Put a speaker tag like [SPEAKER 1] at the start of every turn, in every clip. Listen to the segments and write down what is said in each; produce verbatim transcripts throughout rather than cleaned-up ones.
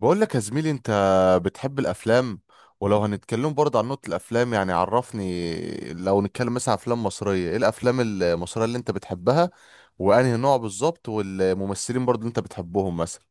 [SPEAKER 1] بقول لك يا زميلي، انت بتحب الافلام؟ ولو هنتكلم برضه عن نقطة الافلام، يعني عرفني، لو نتكلم مثلا عن افلام مصرية، ايه الافلام المصرية اللي انت بتحبها؟ وانهي نوع بالظبط، والممثلين برضه اللي انت بتحبهم مثلا؟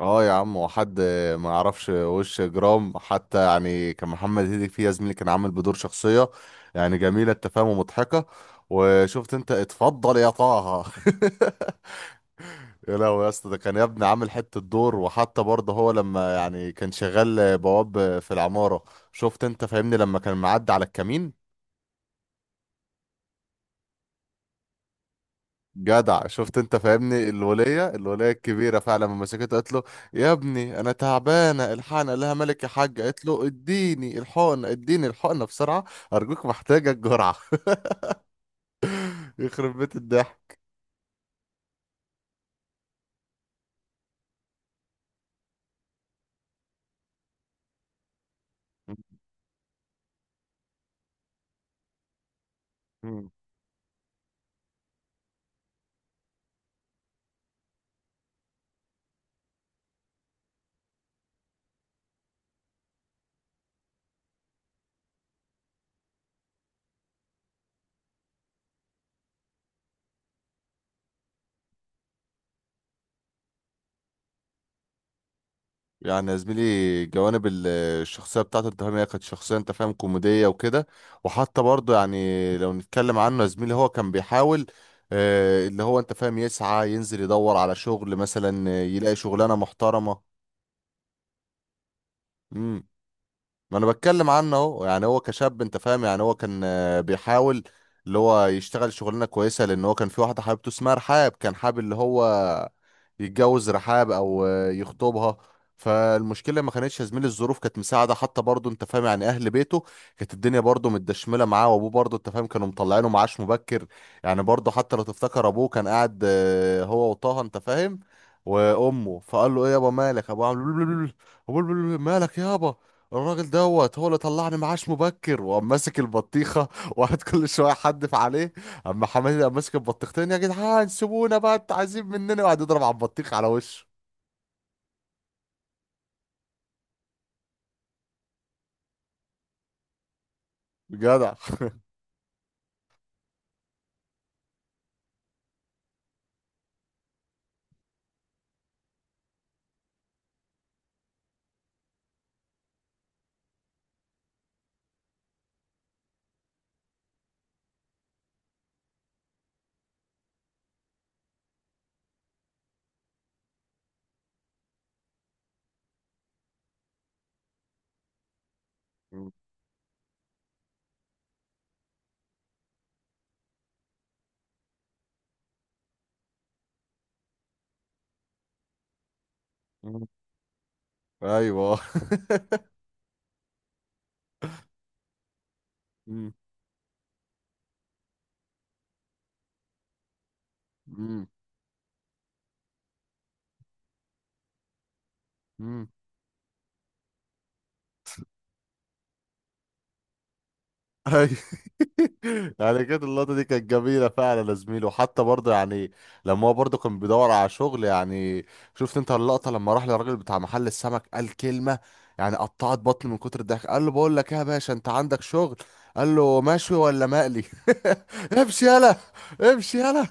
[SPEAKER 1] اه يا عم، وحد ما يعرفش وش جرام؟ حتى يعني كان محمد هنيدي فيه يا زميلي كان عامل بدور شخصية يعني جميلة التفاهم ومضحكة. وشفت انت، اتفضل يا طه. يا لهوي يا اسطى، ده كان يا ابني عامل حته دور. وحتى برضه هو لما يعني كان شغال بواب في العماره، شفت انت فاهمني، لما كان معدي على الكمين. جدع، شفت انت فاهمني، الوليه الوليه الكبيره فعلا لما مسكته قالت له: يا ابني انا تعبانه، الحقني. قال لها: مالك يا حاج؟ قالت له: اديني الحقنه، اديني الحقنه بسرعه، ارجوك محتاجه الجرعه. يخرب بيت الضحك. يعني يا زميلي، جوانب ال- الشخصية بتاعته، انت فاهم، هي كانت شخصية، انت فاهم، كوميدية وكده. وحتى برضه يعني لو نتكلم عنه يا زميلي، هو كان بيحاول، آه، اللي هو انت فاهم يسعى ينزل يدور على شغل مثلا، آه، يلاقي شغلانة محترمة. ما انا بتكلم عنه اهو، يعني هو كشاب انت فاهم، يعني هو كان آه، بيحاول اللي هو يشتغل شغلانه كويسه، لان هو كان في واحده حبيبته اسمها رحاب، كان حابب اللي هو يتجوز رحاب او آه، يخطبها. فالمشكله ما كانتش يا زميلي الظروف كانت مساعده، حتى برضه انت فاهم، يعني اهل بيته كانت الدنيا برضه متدشمله معاه، وابوه برضه انت فاهم كانوا مطلعينه معاش مبكر. يعني برضه حتى لو تفتكر ابوه كان قاعد، آه، هو وطه انت فاهم، وامه، فقال له: ايه يابا مالك؟ ابوه عامل مالك يابا، الراجل دوت هو اللي طلعني معاش مبكر، وقام ماسك البطيخه وقعد كل شويه حدف عليه. اما حماتي قام ماسك البطيختين: يا جدعان سيبونا بقى، انتوا عايزين مننا؟ وقعد يضرب على البطيخ على وشه. جدع. مم. مم. ايوه. مم. مم. مم. أي. يعني كانت اللقطة دي كانت جميلة فعلا يا زميلي. وحتى برضه يعني لما هو برضه كان بيدور على شغل، يعني شفت انت اللقطة لما راح للراجل بتاع محل السمك، قال كلمة يعني قطعت بطني من كتر الضحك. قال له: بقول لك ايه يا باشا، انت عندك شغل؟ قال له: مشوي ولا مقلي؟ امشي يلا، امشي يلا.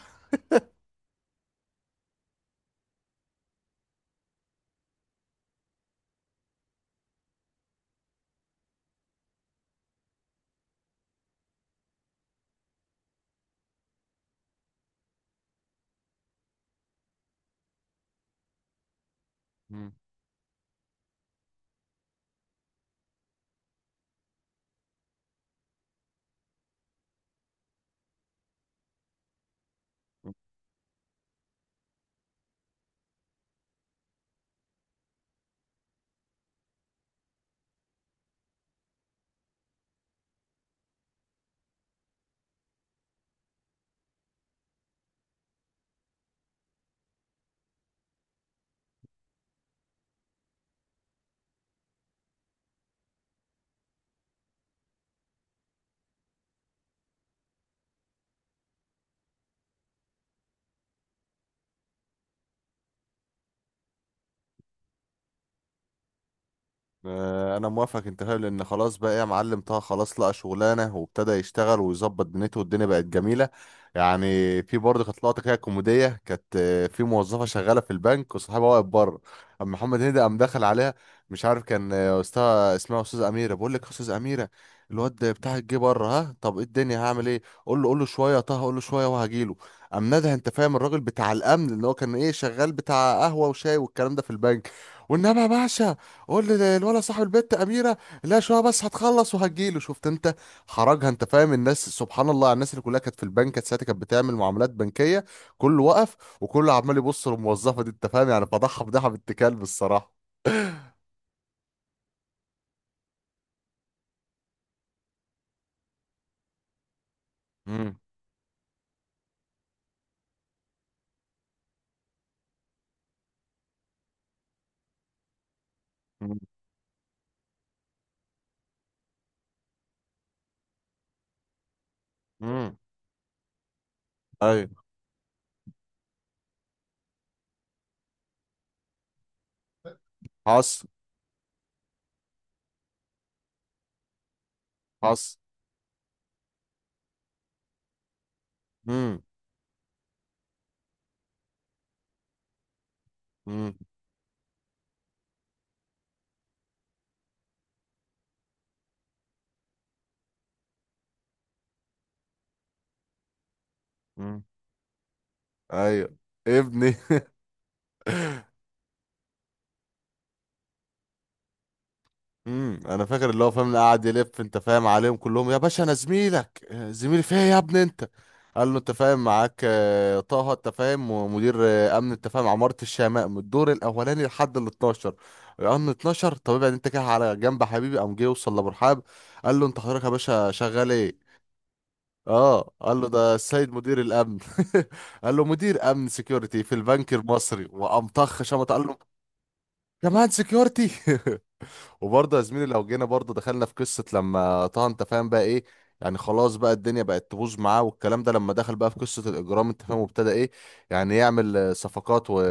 [SPEAKER 1] آه، انا موافق، انت فاهم، لان خلاص بقى إيه، يا معلم طه خلاص لقى شغلانه وابتدى يشتغل ويظبط دنيته، والدنيا بقت جميله يعني. في برضه كانت لقطه كده كوميديه، كانت آه، في موظفه شغاله في البنك وصاحبها واقف بره، اما محمد هنيدي قام دخل عليها. مش عارف كان آه، استاذ، اسمها استاذ اميره. بقول لك يا استاذ اميره، الواد بتاعك جه بره. ها، طب ايه الدنيا، هعمل ايه؟ قول له قول له شويه يا طه، قول له شويه وهجيله. قام نادى، انت فاهم، الراجل بتاع الامن، اللي هو كان ايه، شغال بتاع قهوه وشاي والكلام ده في البنك. وانما يا باشا، قول لي الولد صاحب البت اميره: لا شويه بس هتخلص وهتجيله. شفت انت، حرجها انت فاهم. الناس سبحان الله، على الناس اللي كلها كانت في البنك، كانت ساعتها كانت بتعمل معاملات بنكيه، كله وقف وكله عمال يبص للموظفه دي. انت فاهم يعني فضحها، فضحها بنت كلب الصراحه. مم. مم. مم. ايوه. حصل. حصل. مم. مم. مم. ايوه. ابني. امم انا فاكر، اللي هو فاهم اللي قاعد يلف انت فاهم عليهم كلهم: يا باشا انا زميلك، آه، زميلي فيا يا ابني انت. قال له: انت فاهم معاك، آه، طه، انت فاهم، ومدير، آه، امن، انت فاهم، عمارة الشماء من الدور الاولاني لحد ال اتناشر. قال له: اتناشر؟ طب ابعد انت كده على جنب يا حبيبي. قام جه وصل لابو رحاب، قال له: انت حضرتك يا باشا شغال ايه؟ اه قال له: ده السيد مدير الامن. قال له: مدير امن، سكيورتي في البنك المصري. وقام طخ شمط قال له: كمان سكيورتي؟ وبرضه يا زميلي، لو جينا برضه دخلنا في قصة لما طه انت فاهم بقى ايه، يعني خلاص بقى الدنيا بقت تبوظ معاه والكلام ده، لما دخل بقى في قصة الإجرام انت فاهم، وابتدى ايه، يعني يعمل آه، صفقات، و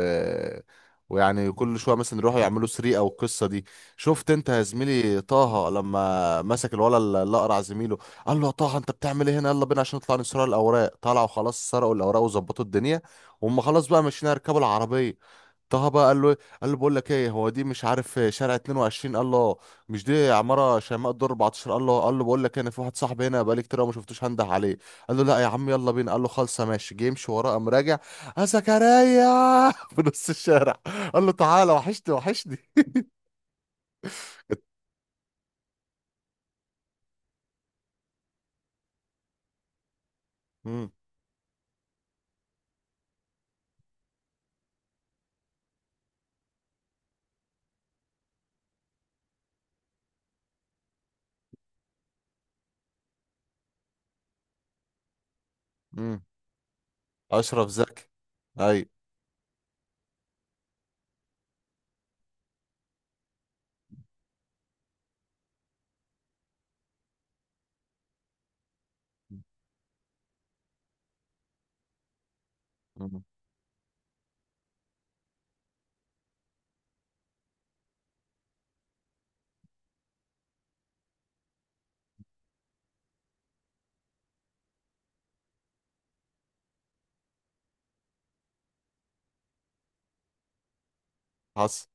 [SPEAKER 1] ويعني كل شوية مثلا يروحوا يعملوا سرقة والقصة دي. شفت انت يا زميلي طه لما مسك الولد اللي اقرع زميله، قال له: يا طه انت بتعمل ايه هنا؟ يلا بينا عشان نطلع نسرق الاوراق. طلعوا خلاص سرقوا الاوراق وظبطوا الدنيا، وهم خلاص بقى ماشيين يركبوا العربية. طه بقى قال له قال له: بقول لك ايه، هو دي مش عارف شارع اتنين وعشرين؟ قال له: آه. مش دي عماره شيماء الدور اربعتاشر؟ قال له قال له: بقول لك إيه، انا في واحد صاحبي هنا بقالي كتير أوي ما شفتوش، هنده عليه. قال له: لا يا عم يلا بينا. قال له: خالصه ماشي. جه يمشي وراه قام راجع: يا زكريا. في نص الشارع قال له: تعالى وحشني وحشني. امم امم اشرف زكي. اي. مم. حصل.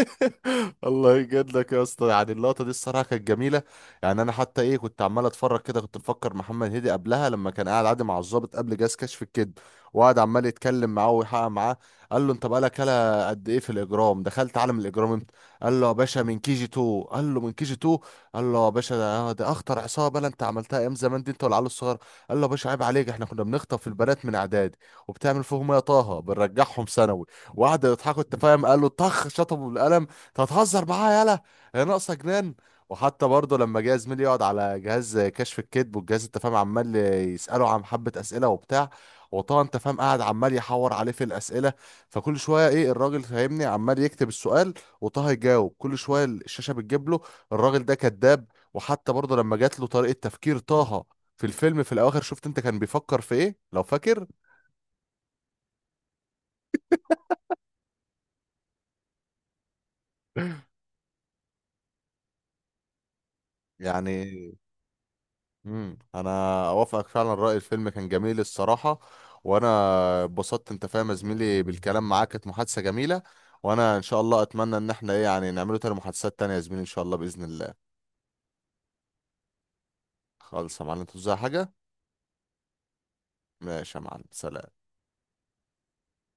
[SPEAKER 1] الله يجد لك يا اسطى، يعني اللقطه دي الصراحه كانت جميله. يعني انا حتى ايه، كنت عمال اتفرج كده، كنت مفكر محمد هدي قبلها لما كان قاعد عادي مع الضابط قبل جهاز كشف الكذب، وقعد عمال يتكلم معاه ويحقق معاه. قال له: انت بقالك هلا قد ايه في الاجرام؟ دخلت عالم الاجرام امتى؟ قال له: يا باشا من كي جي تو. قال له: من كي جي تو؟ قال له: يا باشا ده, ده اخطر عصابه، لا انت عملتها ايام زمان دي انت والعيال الصغير. قال له: يا باشا عيب عليك، احنا كنا بنخطف البنات من اعدادي. وبتعمل فيهم إيه يا طه؟ بنرجعهم ثانوي. وقعدوا يضحكوا، انت فاهم، قال له طخ شطبه بالقلم: انت هتهزر معاها؟ يالا هي ناقصه جنان. وحتى برضه لما جه زميلي يقعد على جهاز كشف الكذب، والجهاز انت فاهم عمال يساله عن حبه اسئله وبتاع، وطبعا انت فاهم قاعد عمال يحور عليه في الاسئله، فكل شويه ايه الراجل فاهمني عمال يكتب السؤال، وطه يجاوب، كل شويه الشاشه بتجيب له: الراجل ده كذاب. وحتى برضه لما جات له طريقه تفكير طه في الفيلم في الاواخر، شفت انت كان بيفكر في ايه لو فاكر؟ يعني. امم انا اوافقك فعلا الراي، الفيلم كان جميل الصراحه. وانا اتبسطت انت فاهم يا زميلي بالكلام معاك، كانت محادثه جميله. وانا ان شاء الله اتمنى ان احنا ايه، يعني نعمله تاني محادثات تانية يا زميلي، ان شاء الله باذن الله. خالص يا معلم، انت عايز حاجه؟ ماشي يا معلم، سلام.